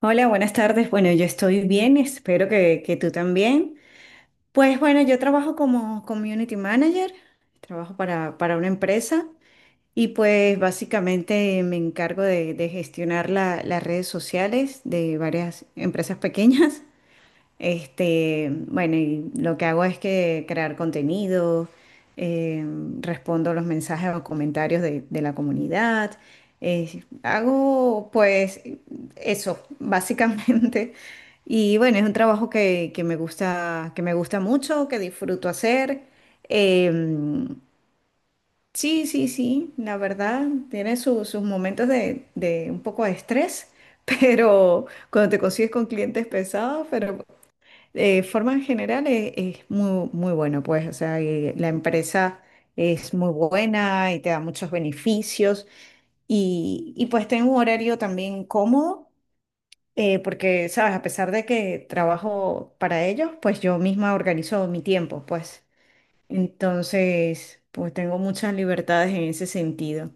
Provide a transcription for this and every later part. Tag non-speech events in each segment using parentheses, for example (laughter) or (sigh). Hola, buenas tardes. Bueno, yo estoy bien, espero que tú también. Pues bueno, yo trabajo como community manager, trabajo para una empresa y pues básicamente me encargo de gestionar las redes sociales de varias empresas pequeñas. Este, bueno, y lo que hago es que crear contenido, eh, respondo los mensajes o comentarios de la comunidad. Hago pues eso, (laughs) básicamente. Y bueno, es un trabajo que me gusta, que me gusta mucho, que disfruto hacer. Eh, sí, sí, sí, la verdad, tiene sus momentos de un poco de estrés, (laughs) pero cuando te consigues con clientes pesados. Pero de forma en general es muy, muy bueno, pues, o sea, la empresa es muy buena y te da muchos beneficios y pues tengo un horario también cómodo, porque, sabes, a pesar de que trabajo para ellos, pues yo misma organizo mi tiempo, pues. Entonces, pues tengo muchas libertades en ese sentido.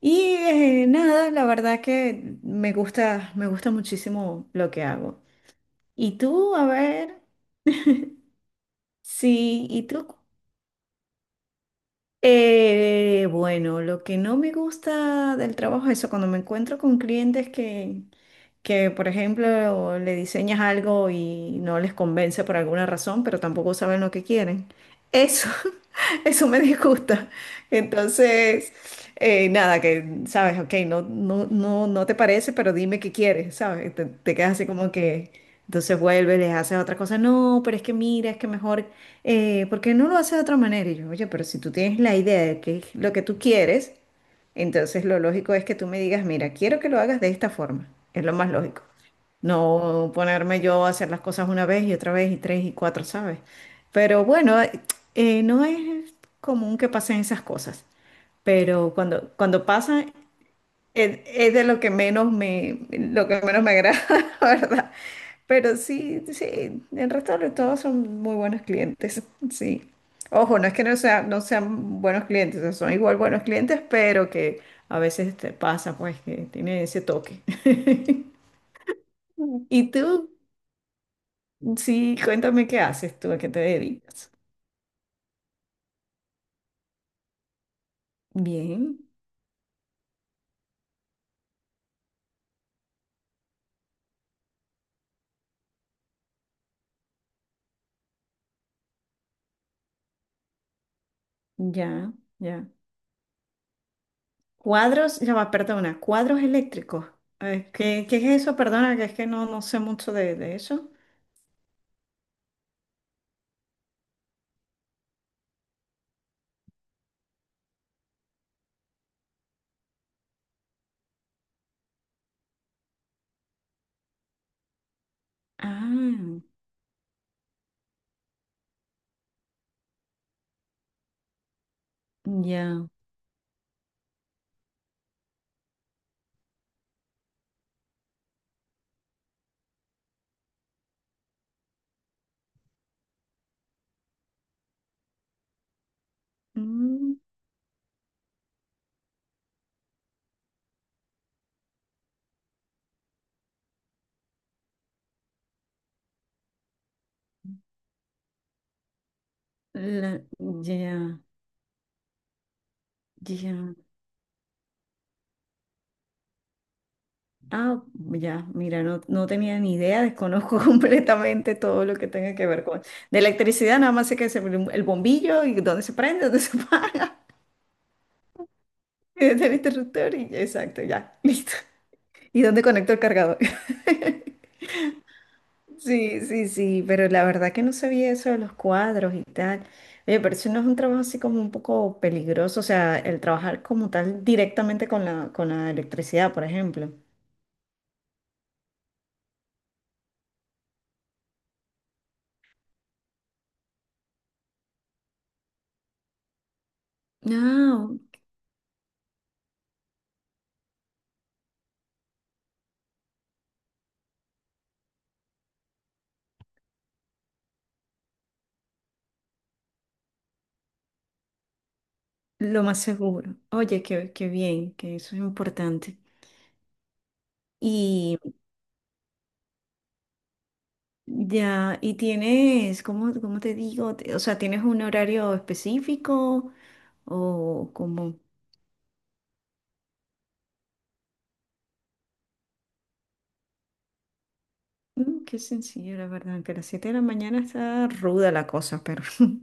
Y nada, la verdad que me gusta muchísimo lo que hago. ¿Y tú, a ver? Sí, ¿y tú? Bueno, lo que no me gusta del trabajo es eso, cuando me encuentro con clientes que, por ejemplo, le diseñas algo y no les convence por alguna razón, pero tampoco saben lo que quieren. Eso, (laughs) eso me disgusta. Entonces, nada, que, sabes, ok, no, no, no, no te parece, pero dime qué quieres, ¿sabes? Te quedas así como que... Entonces vuelves, les haces otra cosa. No, pero es que mira, es que mejor ¿por qué no lo hace de otra manera? Y yo, oye, pero si tú tienes la idea de qué es lo que tú quieres, entonces lo lógico es que tú me digas, mira, quiero que lo hagas de esta forma. Es lo más lógico. No ponerme yo a hacer las cosas una vez y otra vez y tres y cuatro, ¿sabes? Pero bueno, no es común que pasen esas cosas. Pero cuando pasan, es de lo que menos me, lo que menos me agrada, (laughs) ¿verdad? Pero sí, sí, el resto de todos son muy buenos clientes, (laughs) sí. Ojo, no es que no sean buenos clientes, o sea, son igual buenos clientes, pero que a veces te pasa, pues, que tiene ese toque. (laughs) ¿Y tú? Sí, cuéntame qué haces tú, a qué te dedicas. Bien, ya, ya. Cuadros, ya va, perdona, cuadros eléctricos. ¿Qué, qué es eso? Perdona, que es que no, no sé mucho de eso. Ah, ya. Mm, ya. Ya. Ah, ya, mira, no, no tenía ni idea, desconozco (laughs) completamente todo lo que tenga que ver con... De electricidad, nada más sé que es el bombillo y dónde se prende, (laughs) dónde se apaga, (laughs) y dónde está el interruptor y exacto, ya, (laughs) listo. ¿Y dónde conecto el cargador? (laughs) Sí, sí, sí, pero la verdad que no sabía eso de los cuadros y tal. Oye, pero eso no es un trabajo así como un poco peligroso, o sea, el trabajar como tal directamente con con la electricidad, por ejemplo. No. Lo más seguro. Oye, qué, qué bien, que eso es importante. Y ya, y tienes, ¿cómo, cómo te digo? O sea, ¿tienes un horario específico? O como, mm, qué sencillo, la verdad, que a las 7 de la mañana está ruda la cosa, pero (laughs)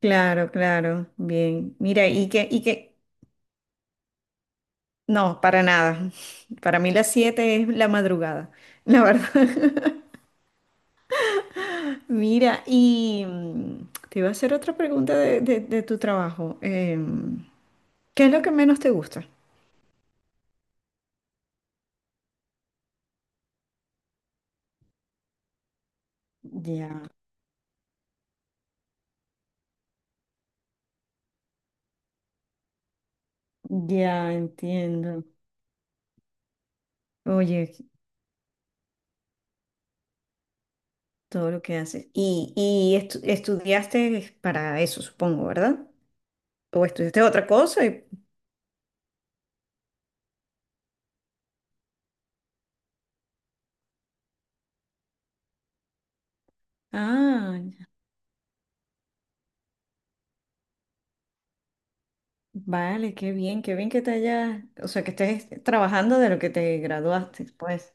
claro, claro, bien. Mira, y no, para nada. (laughs) Para mí las 7 es la madrugada, la (laughs) verdad. Mira, y mm, te iba a hacer otra pregunta de, de tu trabajo. ¿Qué es lo que menos te gusta? Ya, ya entiendo. Oye, todo lo que haces. Y estudiaste para eso, supongo, ¿verdad? ¿O estudiaste otra cosa? Y... Ah, ya. Vale, qué bien que te hayas, o sea, que estés trabajando de lo que te graduaste, pues.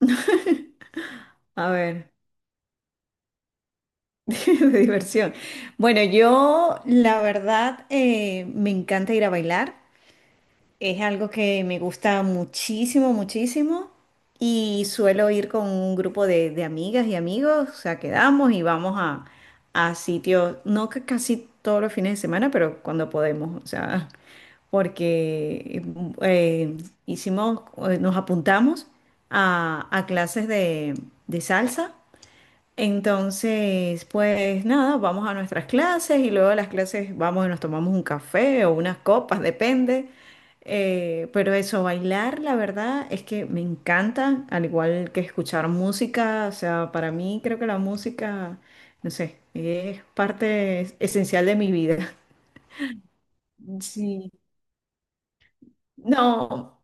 (laughs) A ver. (laughs) De diversión. Bueno, yo la verdad me encanta ir a bailar. Es algo que me gusta muchísimo, muchísimo. Y suelo ir con un grupo de amigas y amigos. O sea, quedamos y vamos a sitios, no que casi todos los fines de semana, pero cuando podemos. O sea, porque eh, hicimos, nos apuntamos a clases de salsa. Entonces, pues nada, vamos a nuestras clases y luego de las clases vamos y nos tomamos un café o unas copas, depende. Pero eso, bailar, la verdad es que me encanta, al igual que escuchar música. O sea, para mí creo que la música, no sé, es parte esencial de mi vida. Sí. No.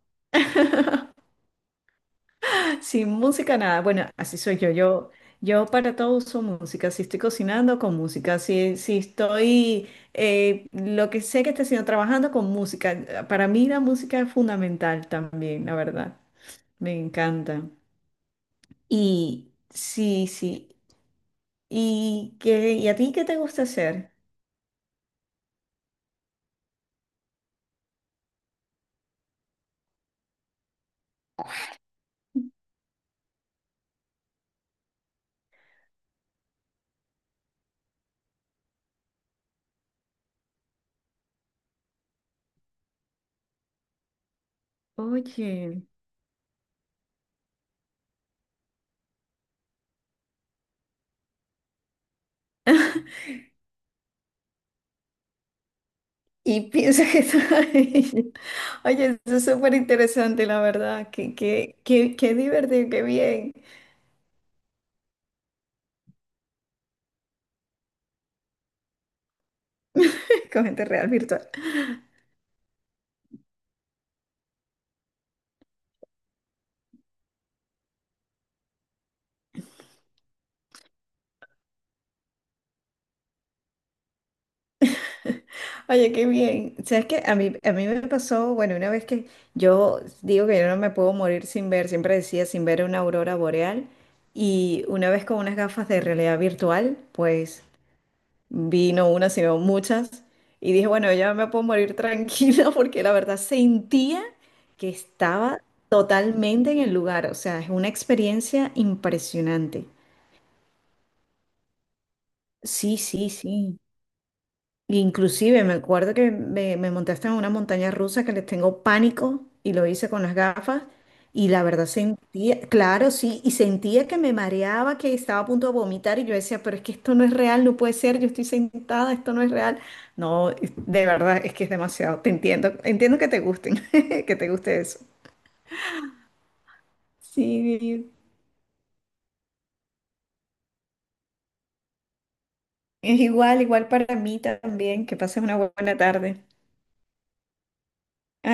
Sin música nada. Bueno, así soy yo. Yo para todo uso música. Si estoy cocinando, con música. Si, si estoy, lo que sé que estoy haciendo, trabajando con música. Para mí la música es fundamental también, la verdad. Me encanta. Y sí, sí. ¿Y qué, y a ti qué te gusta hacer? Oye. (laughs) Y piensa que está ahí. (laughs) Oye, eso es súper interesante, la verdad. Qué, qué, qué, qué divertido, qué bien. Con gente real virtual. Oye, qué bien. ¿Sabes qué? A mí me pasó, bueno, una vez que yo digo que yo no me puedo morir sin ver, siempre decía sin ver una aurora boreal, y una vez con unas gafas de realidad virtual, pues vi no una, sino muchas, y dije, bueno, ya me puedo morir tranquila (laughs) porque la verdad sentía que estaba totalmente en el lugar, o sea, es una experiencia impresionante. Sí, sí, sí. Inclusive me acuerdo que me monté hasta en una montaña rusa que les tengo pánico y lo hice con las gafas y la verdad sentía, claro, sí, y sentía que me mareaba, que estaba a punto de vomitar y yo decía, pero es que esto no es real, no puede ser, yo estoy sentada, esto no es real. No, de verdad es que es demasiado, te entiendo, entiendo que te gusten, (laughs) que te guste eso. Sí, es igual, igual para mí también, que pases una buena tarde.